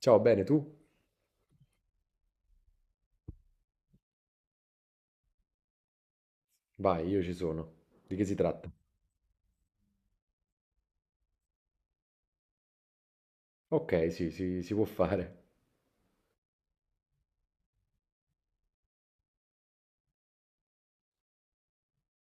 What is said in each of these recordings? Ciao, bene tu? Vai, io ci sono. Di che si tratta? Ok, sì, sì, si può fare.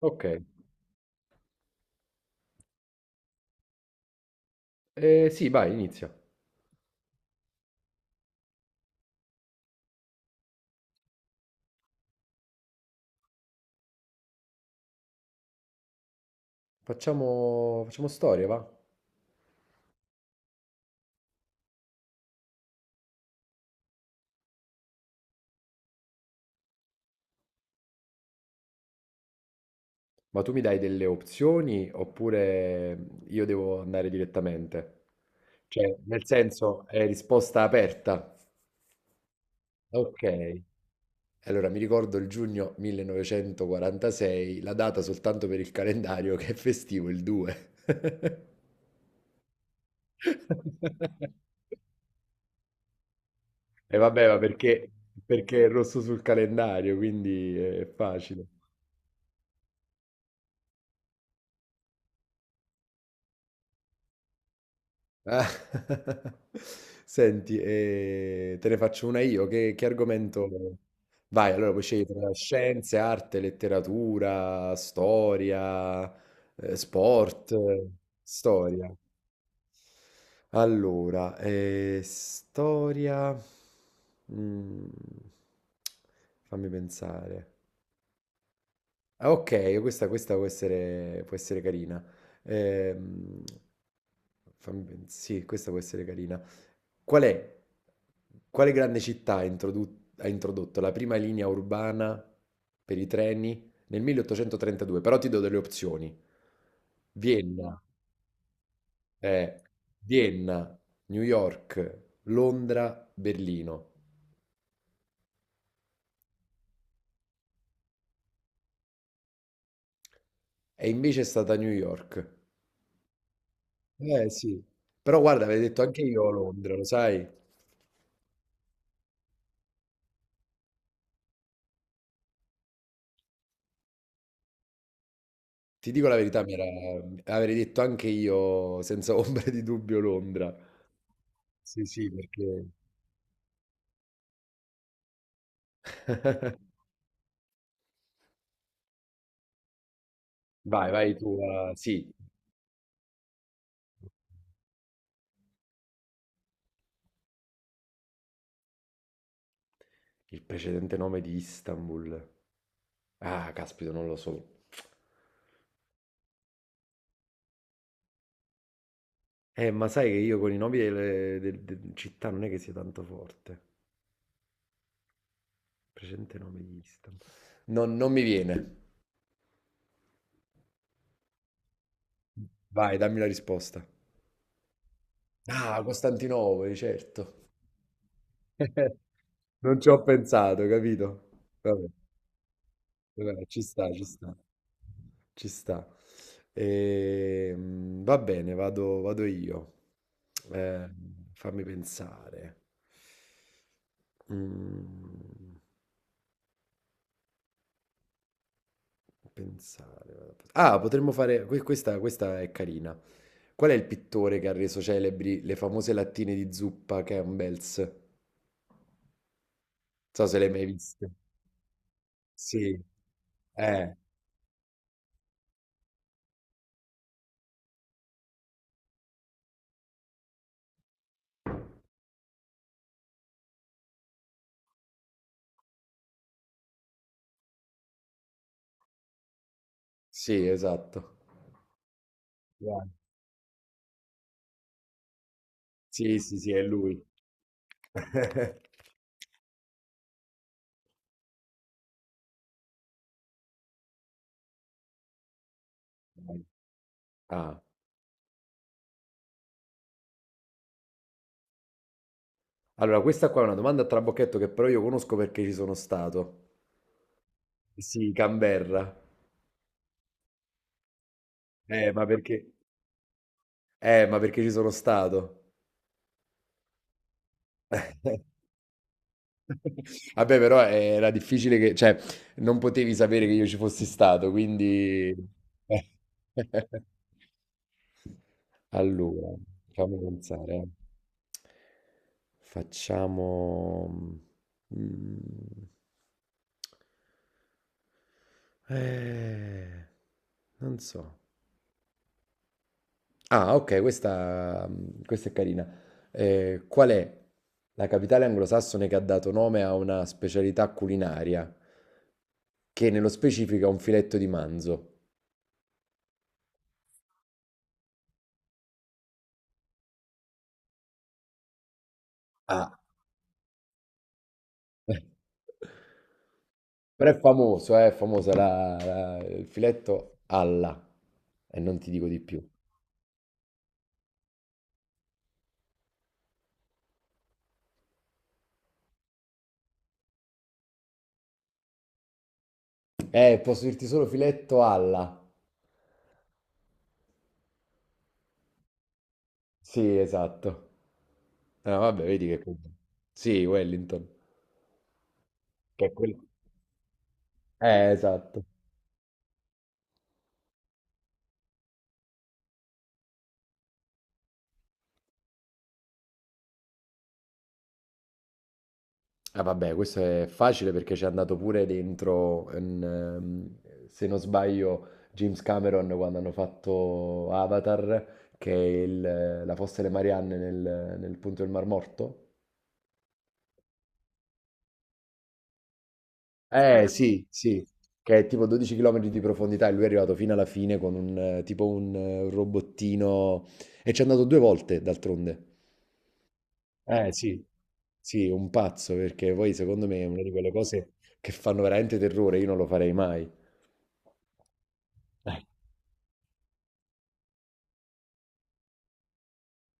Ok, sì, vai, inizia. Facciamo storia, va? Ma tu mi dai delle opzioni oppure io devo andare direttamente? Cioè, nel senso, è risposta aperta. Ok. Allora, mi ricordo il giugno 1946, la data soltanto per il calendario che è festivo il 2. E vabbè, perché è rosso sul calendario, quindi è facile. Ah, Senti, te ne faccio una io. Che argomento? Vai, allora puoi scegliere tra scienze, arte, letteratura, storia, sport, storia. Allora, storia. Mm, fammi pensare. Ah, ok, questa può essere carina. Ehm, sì, questa può essere carina. Qual è, quale grande città ha ha introdotto la prima linea urbana per i treni nel 1832? Però ti do delle opzioni. Vienna, eh, Vienna, New York, Londra, Berlino. E invece è stata New York. Eh sì. Però guarda, avevo detto anche io Londra, lo sai? Ti dico la verità, mi era avrei detto anche io senza ombra di dubbio Londra. Sì, sì, perché Vai, vai tu. Sì, il precedente nome di Istanbul. Ah, caspita, non lo so. Ma sai che io con i nomi città non è che sia tanto forte. Precedente nome di Istanbul. Non mi viene. Vai, dammi la risposta. Ah, Costantinopoli, certo. Non ci ho pensato, capito? Vabbè. Vabbè, ci sta. Va bene, vado io. Eh, fammi pensare. Mm, pensare. Ah, potremmo fare... questa è carina. Qual è il pittore che ha reso celebri le famose lattine di zuppa Campbell's? Non so se le hai mai viste. Sì, eh, sì, esatto. Sì, sì, sì, è lui. Vai. Ah, allora questa qua è una domanda a trabocchetto che però io conosco perché ci sono stato. Sì, Canberra. Eh, ma perché? Ma perché ci sono stato? Vabbè, però era difficile che, cioè, non potevi sapere che io ci fossi stato, quindi... Allora, fammi pensare. Facciamo... mm, eh, non so. Ah, ok, questa è carina. Qual è la capitale anglosassone che ha dato nome a una specialità culinaria, che nello specifico è un filetto di manzo? Ah. Però è famoso, è famosa il filetto alla, e non ti dico di più. Posso dirti solo filetto alla. Sì, esatto. Ah, vabbè, vedi che... Sì, Wellington. Che è quello. Esatto. Ah, vabbè, questo è facile perché ci è andato pure dentro, in, se non sbaglio, James Cameron quando hanno fatto Avatar, che è la fossa delle Marianne nel punto del Mar Morto. Eh sì, sì, che è tipo 12 km di profondità e lui è arrivato fino alla fine con un tipo un robottino e ci è andato due volte d'altronde. Eh sì, sì, un pazzo perché poi secondo me è una di quelle cose che fanno veramente terrore, io non lo farei mai.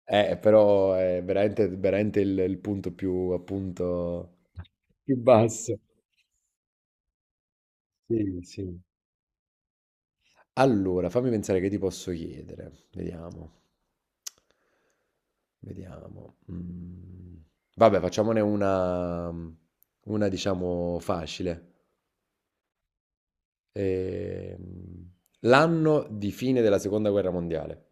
Però è veramente il punto più appunto più basso. Sì, sì. Allora, fammi pensare che ti posso chiedere. Vediamo. Mm. Vabbè, una diciamo facile. Ehm, L'anno di fine della seconda guerra mondiale.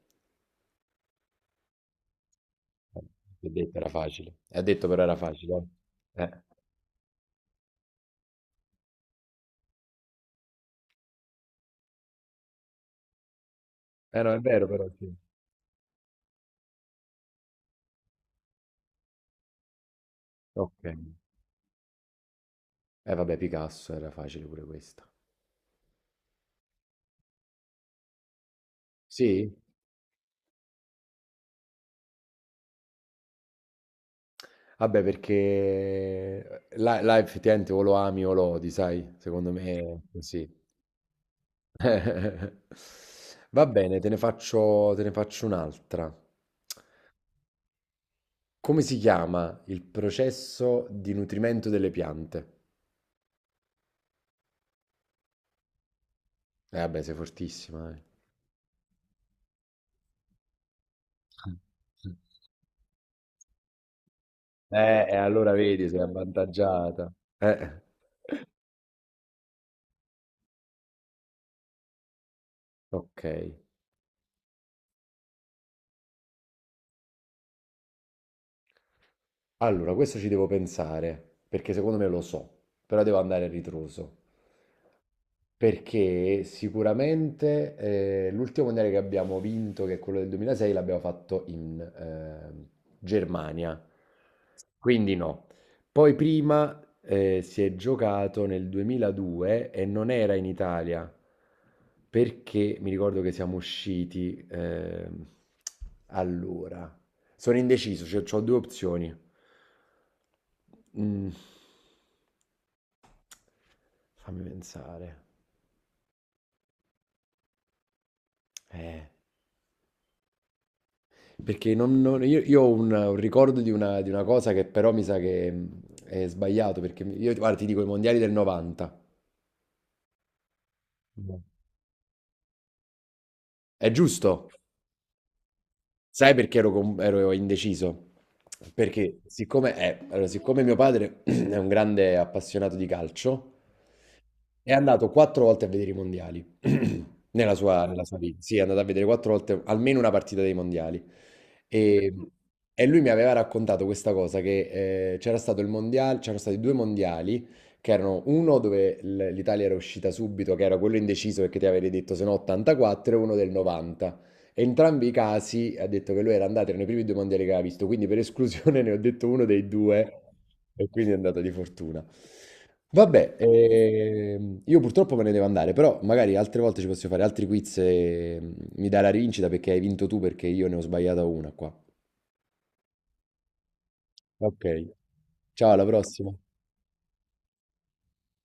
Eh, L'ho detto, era facile. Ha detto però era facile. Eh, eh Eh no, è vero però, sì. Ok. Eh vabbè, Picasso era facile pure questa. Sì? Vabbè, perché là effettivamente o lo ami o lo odi, sai? Secondo me sì. Va bene, te ne faccio un'altra. Come si chiama il processo di nutrimento delle piante? Eh vabbè, sei fortissima, eh. E allora vedi, sei avvantaggiata. Eh. Ok. Allora, questo ci devo pensare, perché secondo me lo so, però devo andare a ritroso. Perché sicuramente l'ultimo mondiale che abbiamo vinto, che è quello del 2006, l'abbiamo fatto in Germania, quindi no. Poi prima si è giocato nel 2002 e non era in Italia, perché mi ricordo che siamo usciti allora. Sono indeciso, cioè ho due opzioni. Mm, fammi pensare. Eh. Perché io ho un ricordo di di una cosa che però mi sa che è sbagliato, perché io, guarda, ti dico i mondiali del 90. No. È giusto? Sai perché ero, ero indeciso? Perché siccome, allora, siccome mio padre è un grande appassionato di calcio, è andato quattro volte a vedere i mondiali nella nella sua vita. Sì, è andato a vedere quattro volte almeno una partita dei mondiali. E, e lui mi aveva raccontato questa cosa, che c'era stato il mondiale, c'erano stati due mondiali, che erano uno dove l'Italia era uscita subito, che era quello indeciso perché ti avevi detto se no 84, e uno del 90. Entrambi i casi ha detto che lui era andato nei primi due mondiali che aveva visto, quindi per esclusione ne ho detto uno dei due e quindi è andato di fortuna. Vabbè, io purtroppo me ne devo andare, però magari altre volte ci possiamo fare altri quiz e mi dai la rivincita perché hai vinto tu perché io ne ho sbagliata una qua. Ok, ciao, alla prossima.